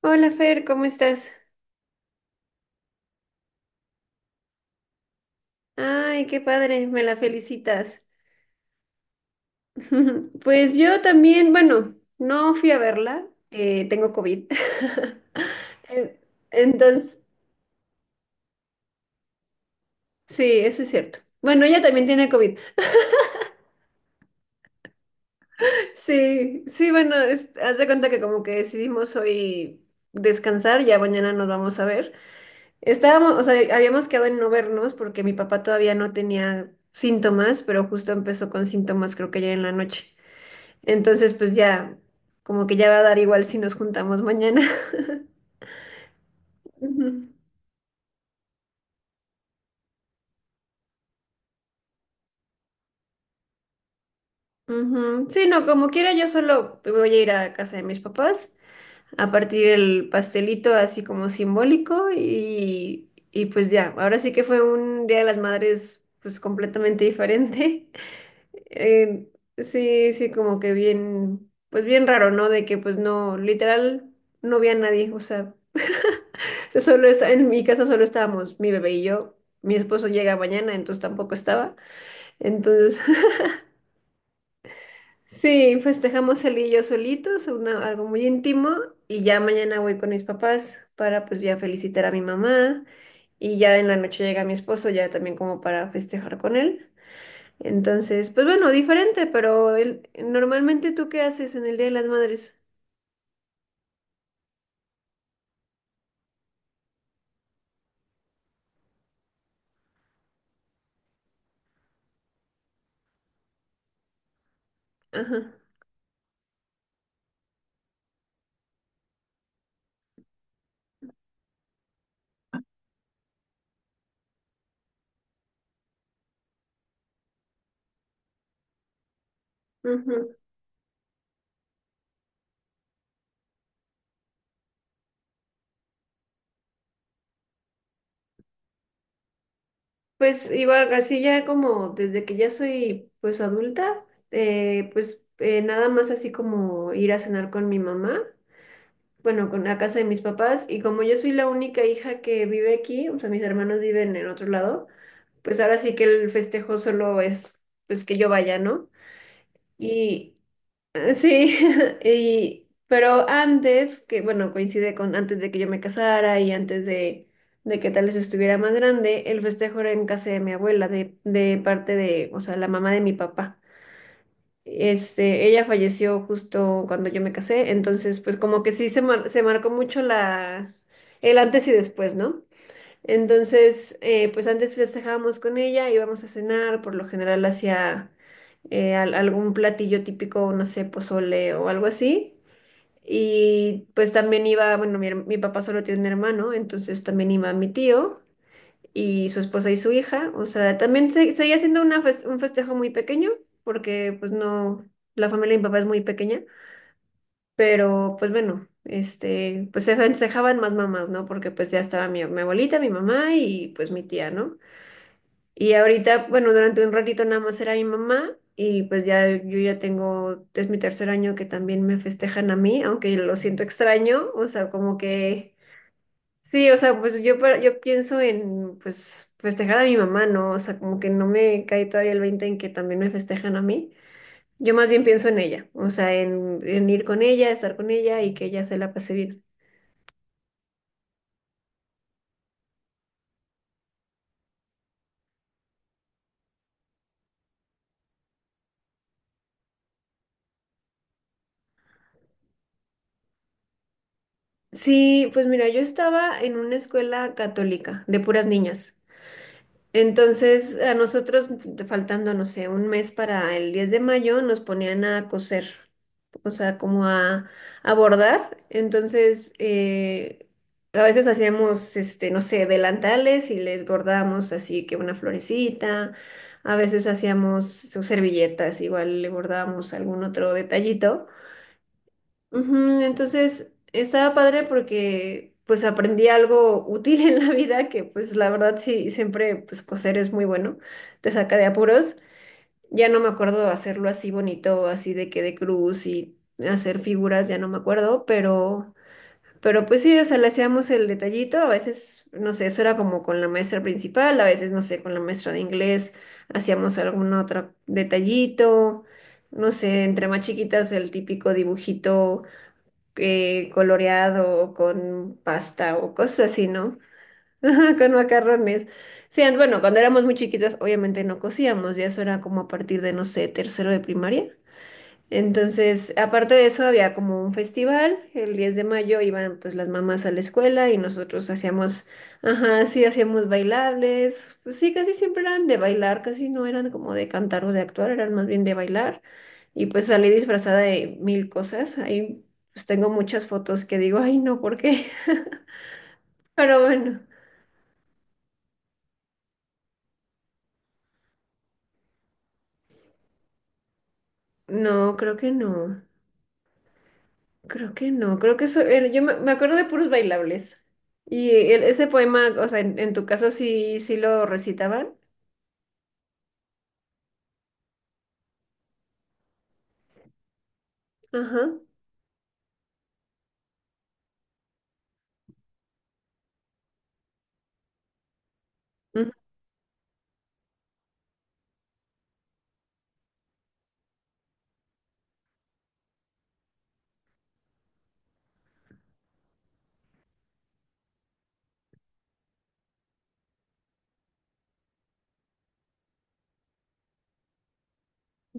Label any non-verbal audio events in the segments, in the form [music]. Hola Fer, ¿cómo estás? Ay, qué padre, me la felicitas. [laughs] Pues yo también, bueno, no fui a verla, tengo COVID. [laughs] En- Entonces, sí, eso es cierto. Bueno, ella también tiene COVID. [laughs] Sí, sí, bueno, haz de cuenta que como que decidimos hoy descansar, ya mañana nos vamos a ver. Estábamos, o sea, habíamos quedado en no vernos porque mi papá todavía no tenía síntomas, pero justo empezó con síntomas creo que ayer en la noche. Entonces, pues ya, como que ya va a dar igual si nos juntamos mañana. [laughs] Ujú. Ujú. Sí, no, como quiera, yo solo voy a ir a casa de mis papás a partir el pastelito así como simbólico y pues ya, ahora sí que fue un Día de las Madres pues completamente diferente. [laughs] Eh, sí, sí, como que bien, pues bien raro, ¿no? De que pues no, literal, no vi a nadie, o sea, [laughs] yo solo está, en mi casa solo estábamos mi bebé y yo, mi esposo llega mañana, entonces tampoco estaba, entonces [laughs] sí, festejamos él y yo solitos, algo muy íntimo, y ya mañana voy con mis papás para pues ya felicitar a mi mamá, y ya en la noche llega mi esposo, ya también como para festejar con él. Entonces, pues bueno, diferente, pero ¿normalmente tú qué haces en el Día de las Madres? Ajá. Ujú. Pues igual, así ya como desde que ya soy pues adulta, pues nada más así como ir a cenar con mi mamá, bueno, con la casa de mis papás, y como yo soy la única hija que vive aquí, o sea, mis hermanos viven en otro lado, pues ahora sí que el festejo solo es pues que yo vaya, ¿no? Y sí, [laughs] y, pero antes, que bueno, coincide con antes de que yo me casara y antes de que tal vez estuviera más grande, el festejo era en casa de mi abuela, de parte de, o sea, la mamá de mi papá. Este, ella falleció justo cuando yo me casé, entonces pues como que sí se marcó mucho la, el antes y después, ¿no? Entonces, pues antes festejábamos con ella, íbamos a cenar, por lo general hacia algún platillo típico, no sé, pozole o algo así. Y pues también iba, bueno, mi papá solo tiene un hermano, entonces también iba mi tío y su esposa y su hija. O sea, también seguía siendo un festejo muy pequeño, porque pues no, la familia de mi papá es muy pequeña. Pero pues bueno, este, pues se festejaban más mamás, ¿no? Porque pues ya estaba mi abuelita, mi mamá y pues mi tía, ¿no? Y ahorita, bueno, durante un ratito nada más era mi mamá y pues ya yo ya tengo, es mi tercer año que también me festejan a mí, aunque lo siento extraño, o sea, como que, sí, o sea, pues yo, yo pienso en pues festejar a mi mamá, ¿no? O sea, como que no me cae todavía el 20 en que también me festejan a mí. Yo más bien pienso en ella, o sea, en ir con ella, estar con ella y que ella se la pase bien. Sí, pues mira, yo estaba en una escuela católica de puras niñas. Entonces, a nosotros, faltando, no sé, un mes para el 10 de mayo, nos ponían a coser. O sea, como a abordar. Entonces, a veces hacíamos, este, no sé, delantales y les bordábamos así que una florecita. A veces hacíamos sus servilletas, igual le bordábamos algún otro detallito. Ujú. Entonces, estaba padre porque pues aprendí algo útil [laughs] en la vida que pues la verdad sí, siempre pues coser es muy bueno, te saca de apuros. Ya no me acuerdo hacerlo así bonito, así de que de cruz y hacer figuras, ya no me acuerdo, pero, pues sí, o sea, le hacíamos el detallito, a veces, no sé, eso era como con la maestra principal, a veces, no sé, con la maestra de inglés hacíamos algún otro detallito, no sé, entre más chiquitas el típico dibujito coloreado con pasta o cosas así, ¿no? Ajá, con macarrones. Sí, bueno, cuando éramos muy chiquitas, obviamente no cocíamos, ya eso era como a partir de, no sé, tercero de primaria. Entonces, aparte de eso, había como un festival, el 10 de mayo iban pues las mamás a la escuela y nosotros hacíamos, ajá, sí, hacíamos bailables, pues sí, casi siempre eran de bailar, casi no eran como de cantar o de actuar, eran más bien de bailar. Y pues salí disfrazada de mil cosas, ahí pues tengo muchas fotos que digo, ay, no, ¿por qué? [laughs] Pero bueno. No, creo que no. Creo que no. Creo que eso yo me acuerdo de puros bailables. Y ese poema, o sea, en tu caso sí, sí lo recitaban. Ajá. Ujú.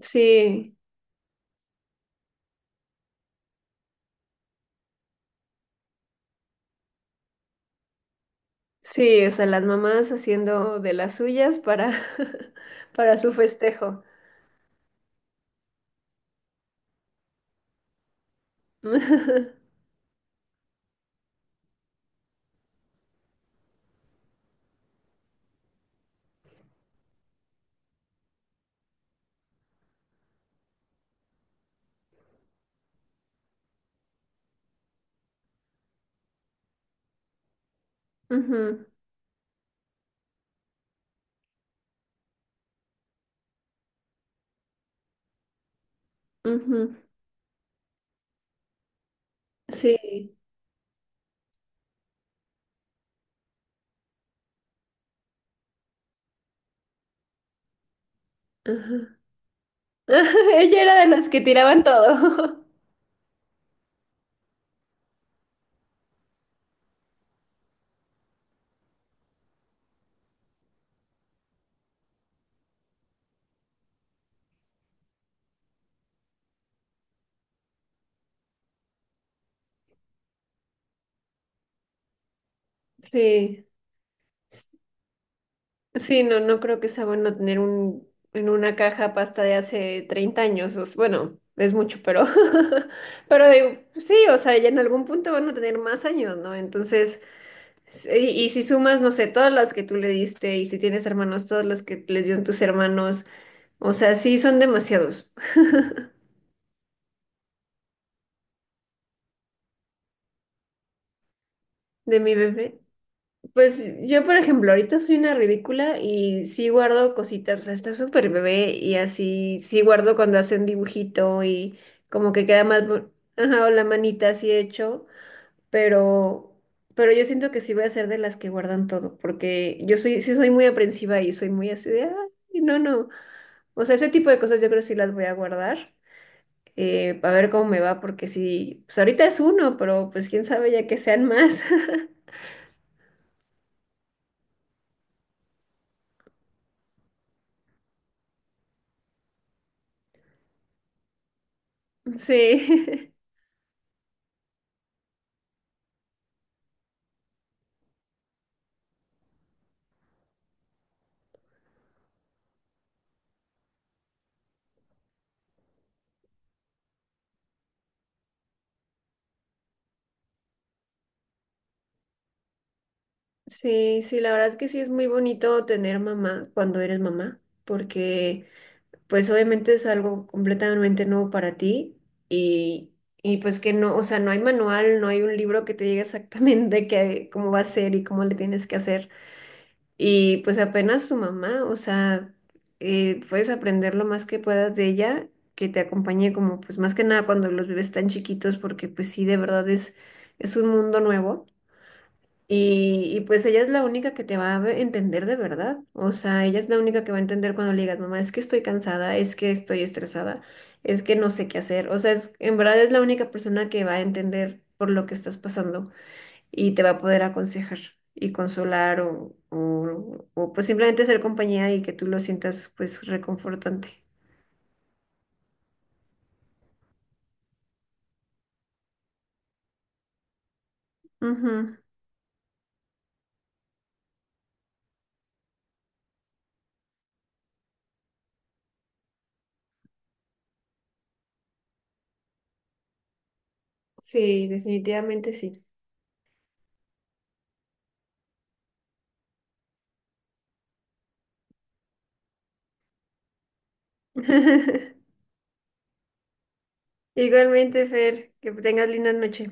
Sí, sí, o sea, las mamás haciendo de las suyas para, [laughs] para su festejo. [laughs] Ujú, ujú. Sí. Ajá. [laughs] Ella era de las que tiraban todo. [laughs] Sí. Sí, no, no creo que sea bueno tener en una caja pasta de hace 30 años. Bueno, es mucho, pero, [laughs] pero digo, pues sí, o sea, ya en algún punto van a tener más años, ¿no? Entonces, y si sumas, no sé, todas las que tú le diste y si tienes hermanos, todas las que les dieron tus hermanos, o sea, sí, son demasiados [laughs] de mi bebé. Pues yo, por ejemplo, ahorita soy una ridícula y sí guardo cositas, o sea, está súper bebé y así, sí guardo cuando hacen dibujito y como que queda más, ajá, o la manita así hecho, pero, pero yo siento que sí voy a ser de las que guardan todo, porque yo soy, sí soy muy aprensiva y soy muy así de, ay, no, no, o sea, ese tipo de cosas yo creo que sí las voy a guardar, a ver cómo me va, porque sí, pues ahorita es uno, pero pues quién sabe ya que sean más, [laughs] sí. Sí, sí, la verdad es que sí es muy bonito tener mamá cuando eres mamá, porque pues obviamente es algo completamente nuevo para ti y, y pues que no, o sea, no hay manual, no hay un libro que te diga exactamente qué, cómo va a ser y cómo le tienes que hacer. Y pues apenas tu mamá, o sea, puedes aprender lo más que puedas de ella, que te acompañe como pues más que nada cuando los bebés tan chiquitos, porque pues sí, de verdad es un mundo nuevo. Y pues ella es la única que te va a entender de verdad. O sea, ella es la única que va a entender cuando le digas, mamá, es que estoy cansada, es que estoy estresada, es que no sé qué hacer. O sea, en verdad es la única persona que va a entender por lo que estás pasando y te va a poder aconsejar y consolar o, pues simplemente ser compañía y que tú lo sientas pues reconfortante. Ujú. Sí, definitivamente sí. [laughs] Igualmente, Fer, que tengas linda noche.